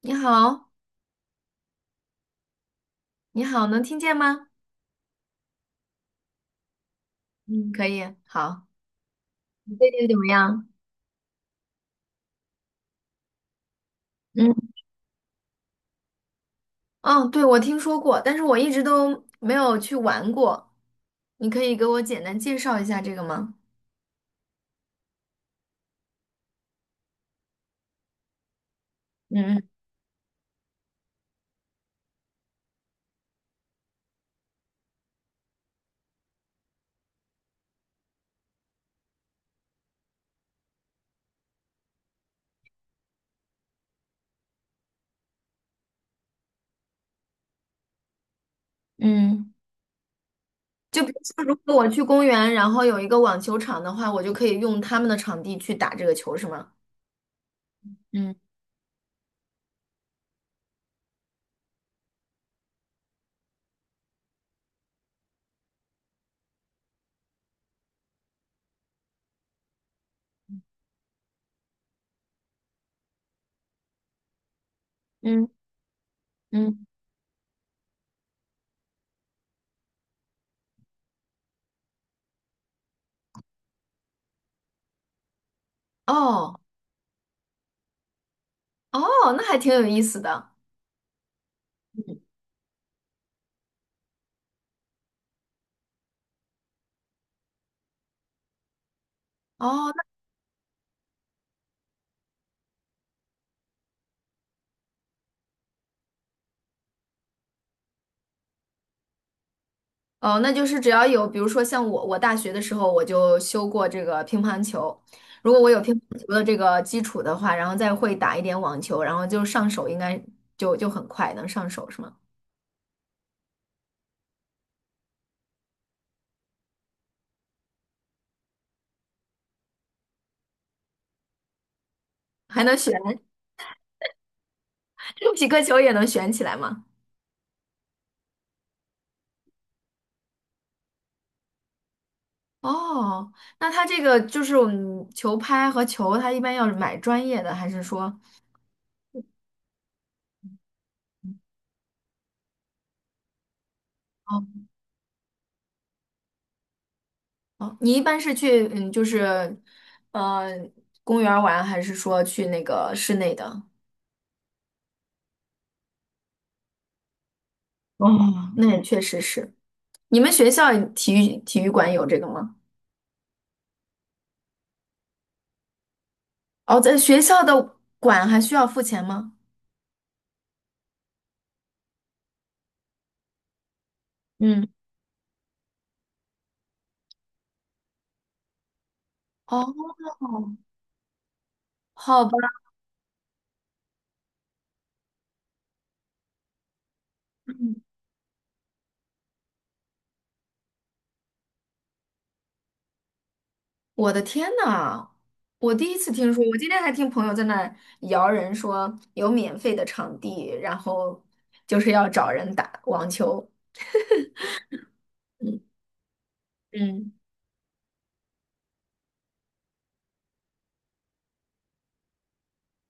你好，你好，能听见吗？嗯，可以，好。你最近怎么样？嗯，哦，对，我听说过，但是我一直都没有去玩过。你可以给我简单介绍一下这个吗？嗯嗯。就比如说，如果我去公园，然后有一个网球场的话，我就可以用他们的场地去打这个球，是吗？嗯嗯嗯。哦，哦，那还挺有意思的。嗯。哦，哦，那就是只要有，比如说像我，我大学的时候我就修过这个乒乓球，如果我有乒乓球的这个基础的话，然后再会打一点网球，然后就上手应该就很快能上手是吗？还能旋，几个球也能旋起来吗？哦，那它这个就是我们球拍和球，它一般要买专业的，还是说，哦哦，你一般是去嗯，就是，呃，公园儿玩，还是说去那个室内的？哦，那也确实是。你们学校体育馆有这个吗？哦，在学校的馆还需要付钱吗？嗯，哦，好吧。我的天呐，我第一次听说，我今天还听朋友在那摇人说有免费的场地，然后就是要找人打网球。嗯，嗯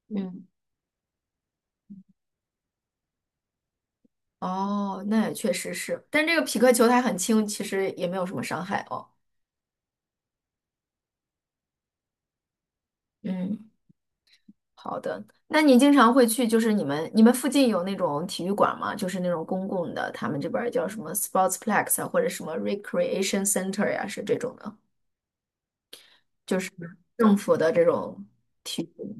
嗯，哦，那也确实是，但这个匹克球它很轻，其实也没有什么伤害哦。嗯。好的，那你经常会去，就是你们附近有那种体育馆吗？就是那种公共的，他们这边儿叫什么 sportsplex 啊，或者什么 recreation center 呀，是这种的，就是政府的这种体育，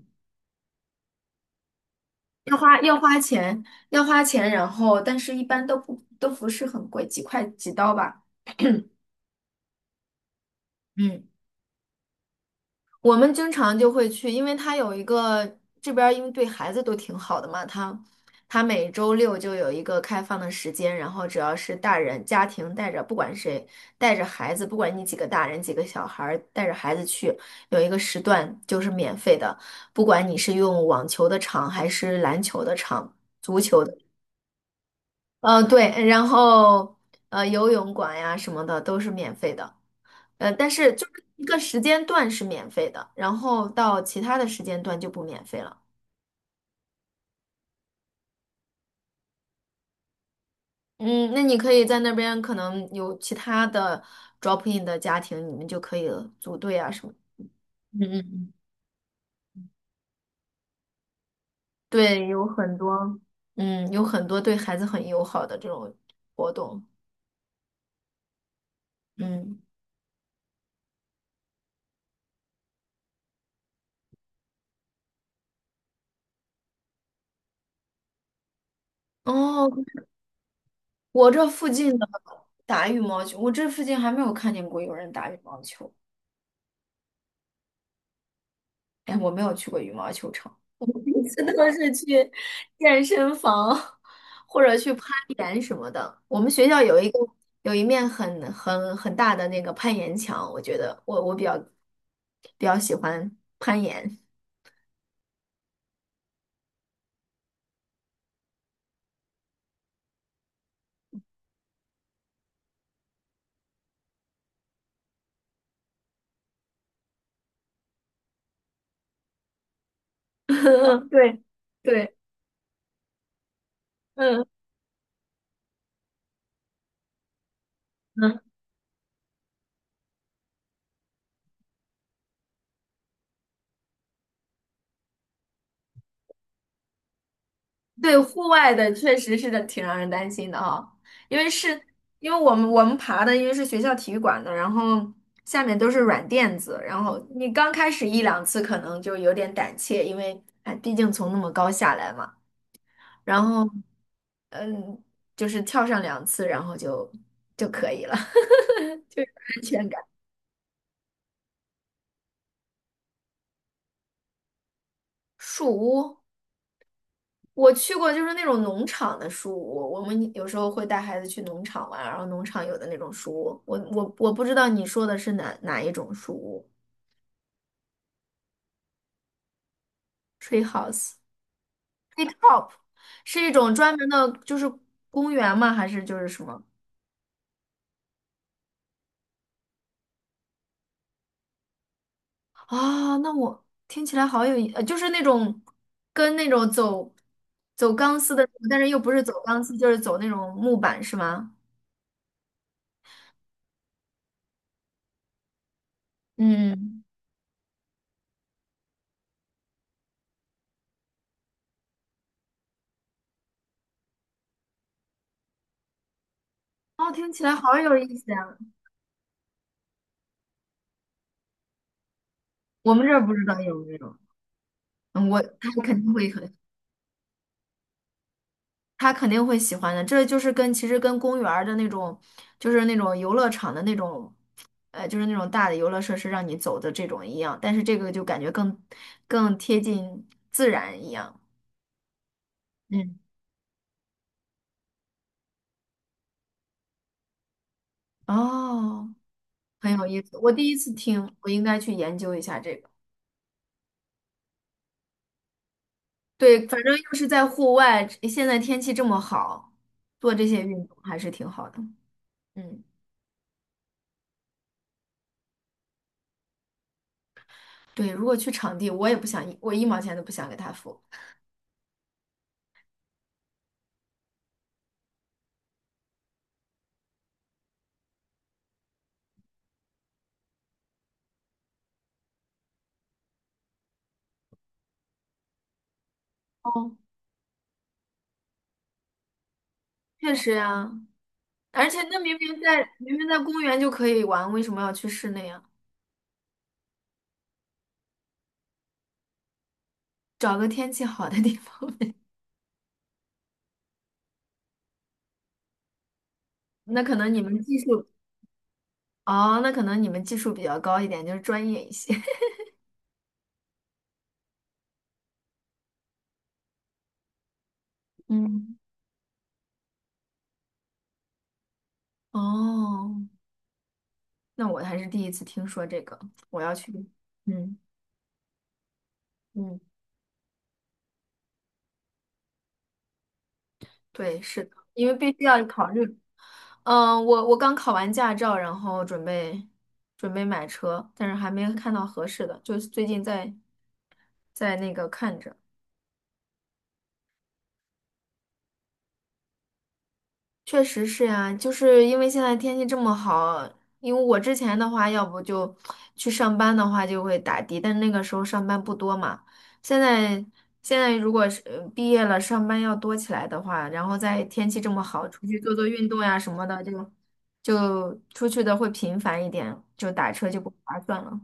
要花钱，要花钱，然后但是一般都不是很贵，几块几刀吧。嗯。我们经常就会去，因为他有一个这边，因为对孩子都挺好的嘛，他每周六就有一个开放的时间，然后只要是大人家庭带着，不管谁带着孩子，不管你几个大人几个小孩儿，带着孩子去，有一个时段就是免费的，不管你是用网球的场还是篮球的场，足球的，呃，对，然后游泳馆呀什么的都是免费的。但是就是一个时间段是免费的，然后到其他的时间段就不免费了。嗯，那你可以在那边可能有其他的 drop in 的家庭，你们就可以组队啊什么的。嗯嗯嗯。对，有很多对孩子很友好的这种活动。嗯，哦，我这附近的打羽毛球，我这附近还没有看见过有人打羽毛球。哎，我没有去过羽毛球场，我每次都是去健身房或者去攀岩什么的。我们学校有一个有一面很大的那个攀岩墙，我觉得我比较喜欢攀岩。对对，嗯 嗯。对，户外的确实是的，挺让人担心的哈，因为是因为我们爬的，因为是学校体育馆的，然后下面都是软垫子，然后你刚开始一两次可能就有点胆怯，因为哎，毕竟从那么高下来嘛，然后就是跳上两次，然后就可以了，就有安全感。树屋，我去过，就是那种农场的书屋，我们有时候会带孩子去农场玩，然后农场有的那种书屋，我不知道你说的是哪一种书屋，tree house，是是一种专门的，就是公园吗？还是就是什么？啊，那我听起来好有意，就是那种跟那种走钢丝的，但是又不是走钢丝，就是走那种木板，是吗？嗯，哦，听起来好有意思呀，我们这儿不知道有没有。嗯，他肯定会很。他肯定会喜欢的。这就是其实跟公园儿的那种，就是那种游乐场的那种，就是那种大的游乐设施让你走的这种一样，但是这个就感觉更贴近自然一样。嗯，哦，很有意思，我第一次听，我应该去研究一下这个。对，反正又是在户外，现在天气这么好，做这些运动还是挺好的。嗯，对，如果去场地，我一毛钱都不想给他付。哦，确实呀。而且那明明在公园就可以玩，为什么要去室内啊？找个天气好的地方。那可能你们技术哦，那可能你们技术比较高一点，就是专业一些。嗯，哦，那我还是第一次听说这个，我要去。嗯嗯，对，是的，因为必须要考虑。嗯，我刚考完驾照，然后准备买车，但是还没看到合适的，就是最近在那个看着。确实是呀，就是因为现在天气这么好，因为我之前的话，要不就去上班的话就会打的，但那个时候上班不多嘛。现在现在如果是毕业了，上班要多起来的话，然后在天气这么好，出去做做运动呀什么的，就出去的会频繁一点，就打车就不划算了。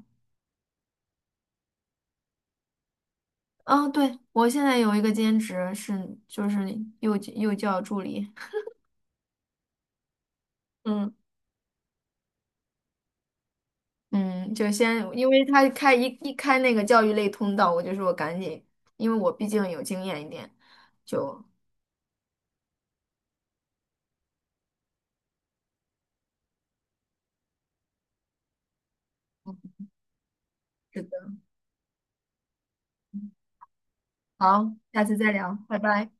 嗯，对，我现在有一个兼职是就是幼教助理，嗯。嗯，就先，因为他一开那个教育类通道，我就说我赶紧，因为我毕竟有经验一点，就，是的，好，下次再聊，拜拜。